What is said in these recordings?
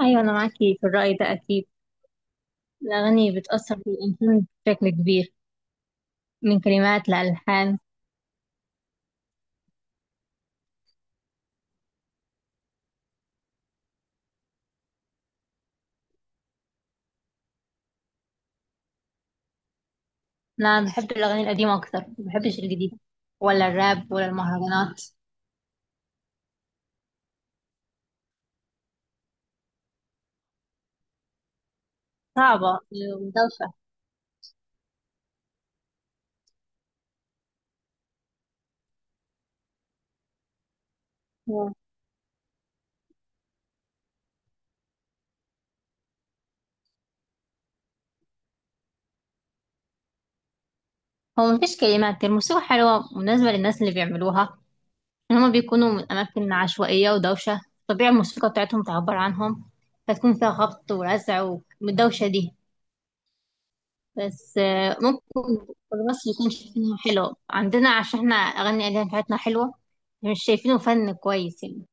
أيوة، أنا معاكي في الرأي ده أكيد. الأغاني بتأثر في الإنسان بشكل كبير من كلمات لألحان. أنا بحب الأغاني القديمة أكتر، ما بحبش الجديدة ولا الراب ولا المهرجانات. صعبة ودوشة. هو مفيش كلمات، الموسيقى حلوة مناسبة للناس اللي بيعملوها. إن هما بيكونوا من أماكن عشوائية ودوشة، طبيعي الموسيقى بتاعتهم تعبر عنهم فتكون فيها خبط ورزع والدوشة دي. بس ممكن مصر يكون شايفينها حلوة عندنا عشان احنا أغاني، الأغاني بتاعتنا حلوة، مش شايفينه فن كويس يعني.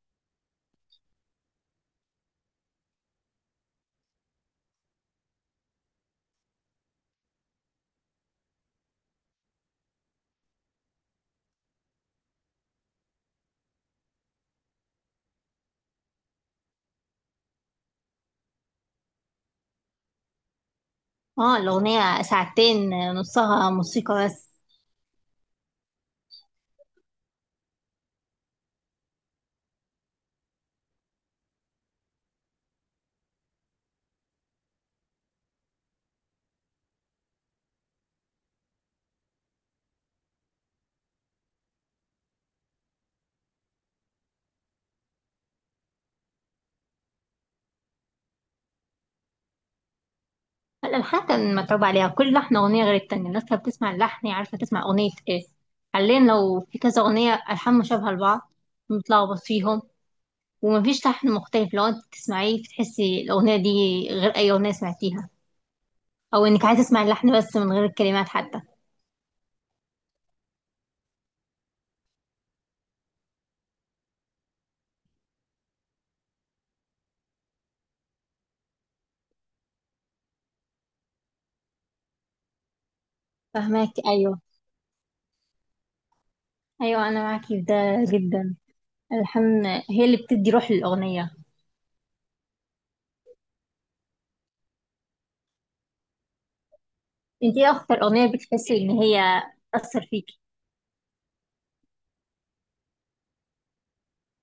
اه، الأغنية ساعتين، نصها موسيقى بس. الألحان كان متعوب عليها، كل لحن أغنية غير التانية، الناس كانت بتسمع اللحن هي عارفة تسمع أغنية ايه. حاليا لو في كذا أغنية ألحان مشابهة لبعض بنتلخبط فيهم، ومفيش لحن مختلف. لو انت تسمعيه بتحسي الأغنية دي غير أي أغنية سمعتيها، أو إنك عايزة تسمع اللحن بس من غير الكلمات حتى. فهماك، أيوه. ايوه انا معاكي في ده جدا. الحن هي اللي بتدي روح للاغنيه. انت ايه اكتر اغنيه بتحسي ان هي اثر فيكي؟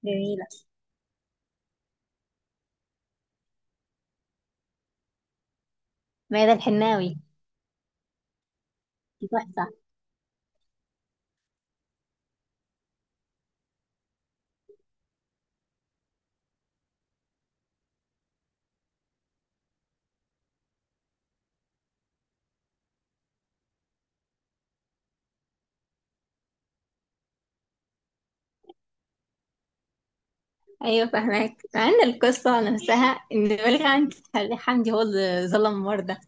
جميله. ميادة الحناوي. دي تحفه. ايوه فاهماك، مع ان القصه نفسها ان بلغ عندي حمدي هو اللي ظلم مرده.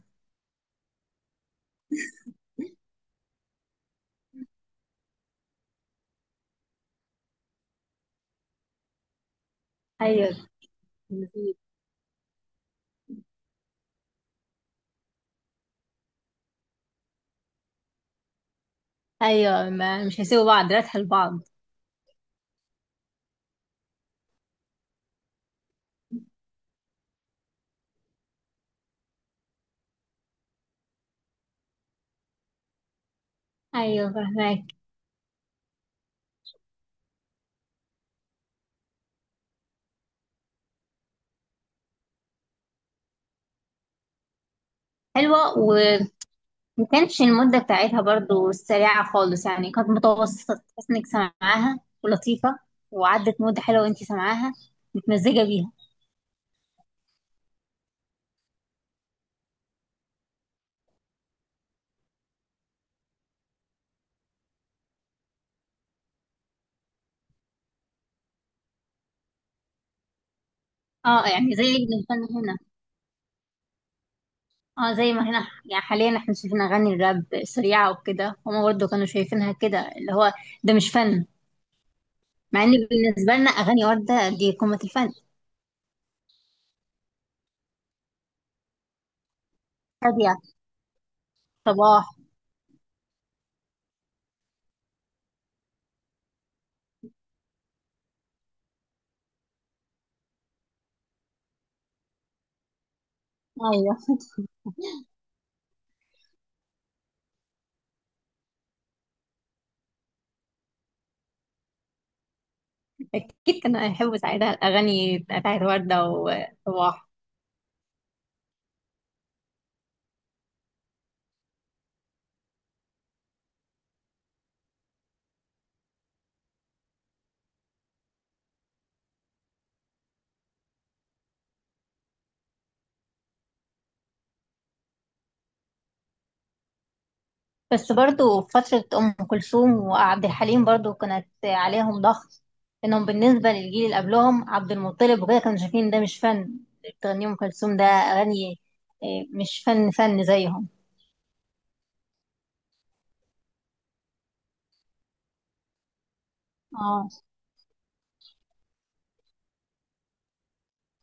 ايوه، ايوه، ما مش هيسيبوا بعض راتها لبعض. ايوه فاهماك. حلوه. ما كانتش المدة بتاعتها برضو سريعة خالص يعني، كانت متوسطة، تحس انك سامعاها ولطيفة، وعدت مدة حلوة وانت سامعاها متمزجة بيها. اه، يعني زي اللي بنغني هنا. اه، زي ما هنا يعني، حاليا احنا شايفين اغاني الراب سريعة وكده، هما برضو كانوا شايفينها كده، اللي هو ده مش فن، مع ان بالنسبة لنا اغاني وردة دي قمة الفن. هادية. صباح. ايوه، اكيد كانوا هيحبوا ساعتها الاغاني بتاعت وردة وصباح. بس برضو في فترة أم كلثوم وعبد الحليم برضو كانت عليهم ضغط، إنهم بالنسبة للجيل اللي قبلهم عبد المطلب وكده كانوا شايفين ده مش فن. بتغني أم كلثوم؟ ده أغاني؟ إيه، مش فن فن زيهم. اه،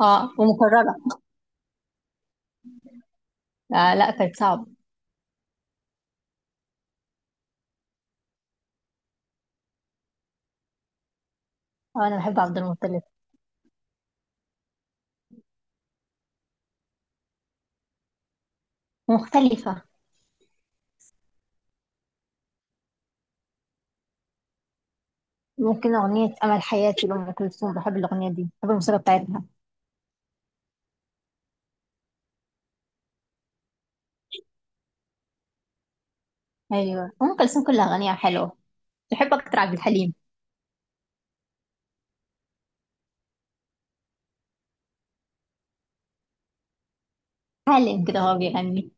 اه، ومكررة. آه لا، كانت صعبة. آه أنا بحب عبد المطلب. مختلفة. ممكن أغنية أمل حياتي لأم كلثوم، بحب الأغنية دي، بحب الموسيقى بتاعتها. أيوة، أم كلثوم كلها أغانيها حلوة، بحب أكتر عبد الحليم. عالم كده هو بيغني.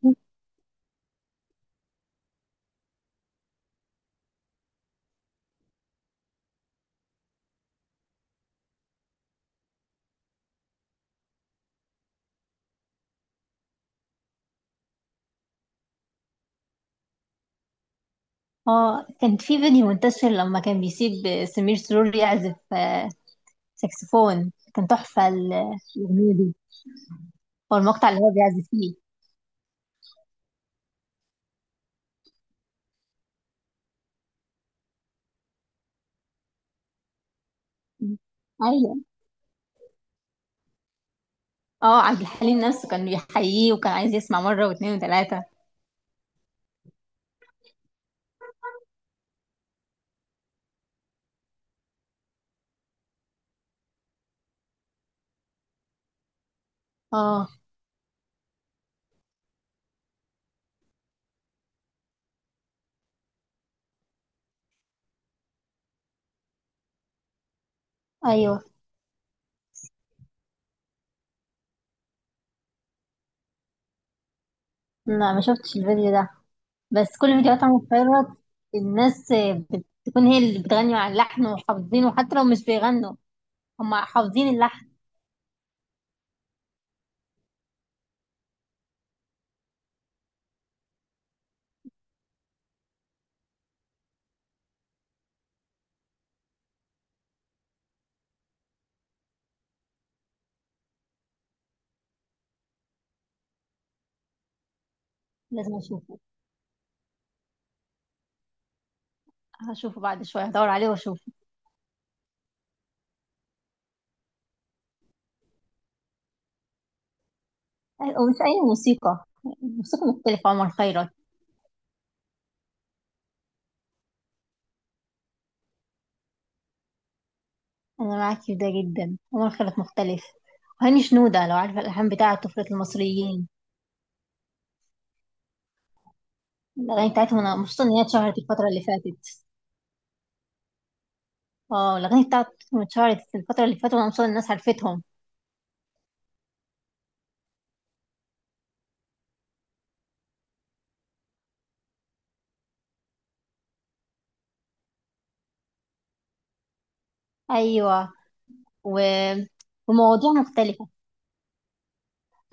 اه، كان في فيديو منتشر لما كان بيسيب سمير سرور يعزف ساكسفون، كان تحفة ال- الأغنية دي. هو المقطع اللي هو بيعزف فيه. أيوة. اه عبد الحليم نفسه كان بيحييه وكان عايز يسمع مرة واتنين وتلاتة. اه. أيوة. لا ما شفتش الفيديو ده. بس كل فيديوهات عمرو خيرت، الناس بتكون هي اللي بتغني على اللحن وحافظينه حتى لو مش بيغنوا، هما حافظين اللحن. لازم أشوفه. هشوفه بعد شوية، هدور عليه وأشوفه. أيوة، ومش أي موسيقى. موسيقى مختلفة، عمر خيرت. أنا معاك في ده جدا، عمر خيرت مختلف، وهاني شنودة لو عارفة الألحان بتاعة طفلة المصريين. الأغاني بتاعتهم أنا مبسوطة إن هي اتشهرت الفترة اللي فاتت. اه، الأغاني بتاعتهم اتشهرت في الفترة اللي فاتت وأنا مبسوطة إن الناس عرفتهم. أيوة. و... ومواضيع مختلفة.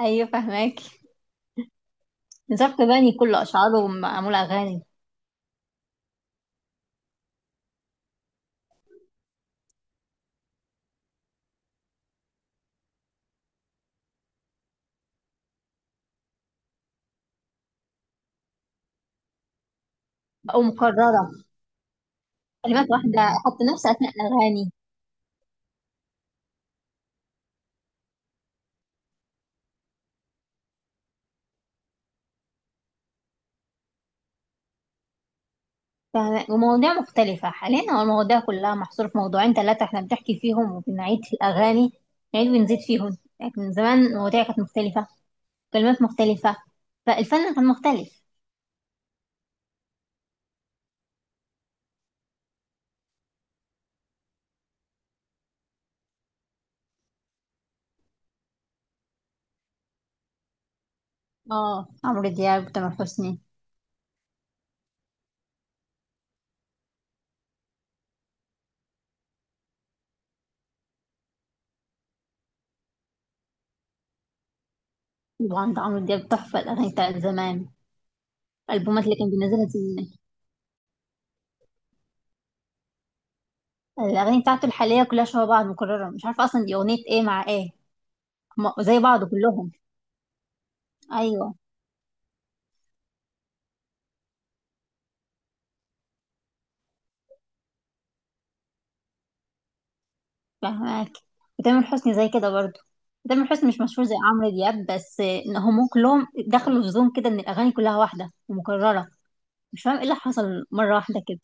أيوة فهماك. نزار قباني كل أشعاره معمولة أغاني. أو مكررة. كلمات واحدة، حط نفس أثناء الأغاني. تمام، ومواضيع مختلفة. حاليا هو المواضيع كلها محصورة في موضوعين ثلاثة احنا بنحكي فيهم وبنعيد في الأغاني، نعيد ونزيد فيهم. لكن زمان المواضيع كانت مختلفة، كلمات مختلفة، فالفن كان مختلف. اه، عمرو دياب، تامر حسني. طبعا ده عمرو دياب تحفة، الأغاني بتاعت زمان، الألبومات اللي كان بينزلها زمان. الأغاني بتاعته الحالية كلها شبه بعض مكررة، مش عارفة أصلا دي أغنية ايه مع ايه، هما زي بعض كلهم. أيوة فاهمك. وتامر حسني زي كده برضو. تامر حسني مش مشهور زي عمرو دياب، بس ان هم كلهم دخلوا في زون كده ان الاغاني كلها واحده ومكرره. مش فاهم ايه اللي حصل مره واحده كده.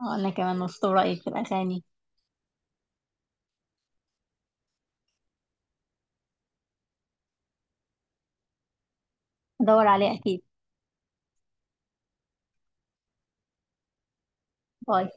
انا كمان مبسوطه برايك في الاغاني. ادور عليه اكيد. باي.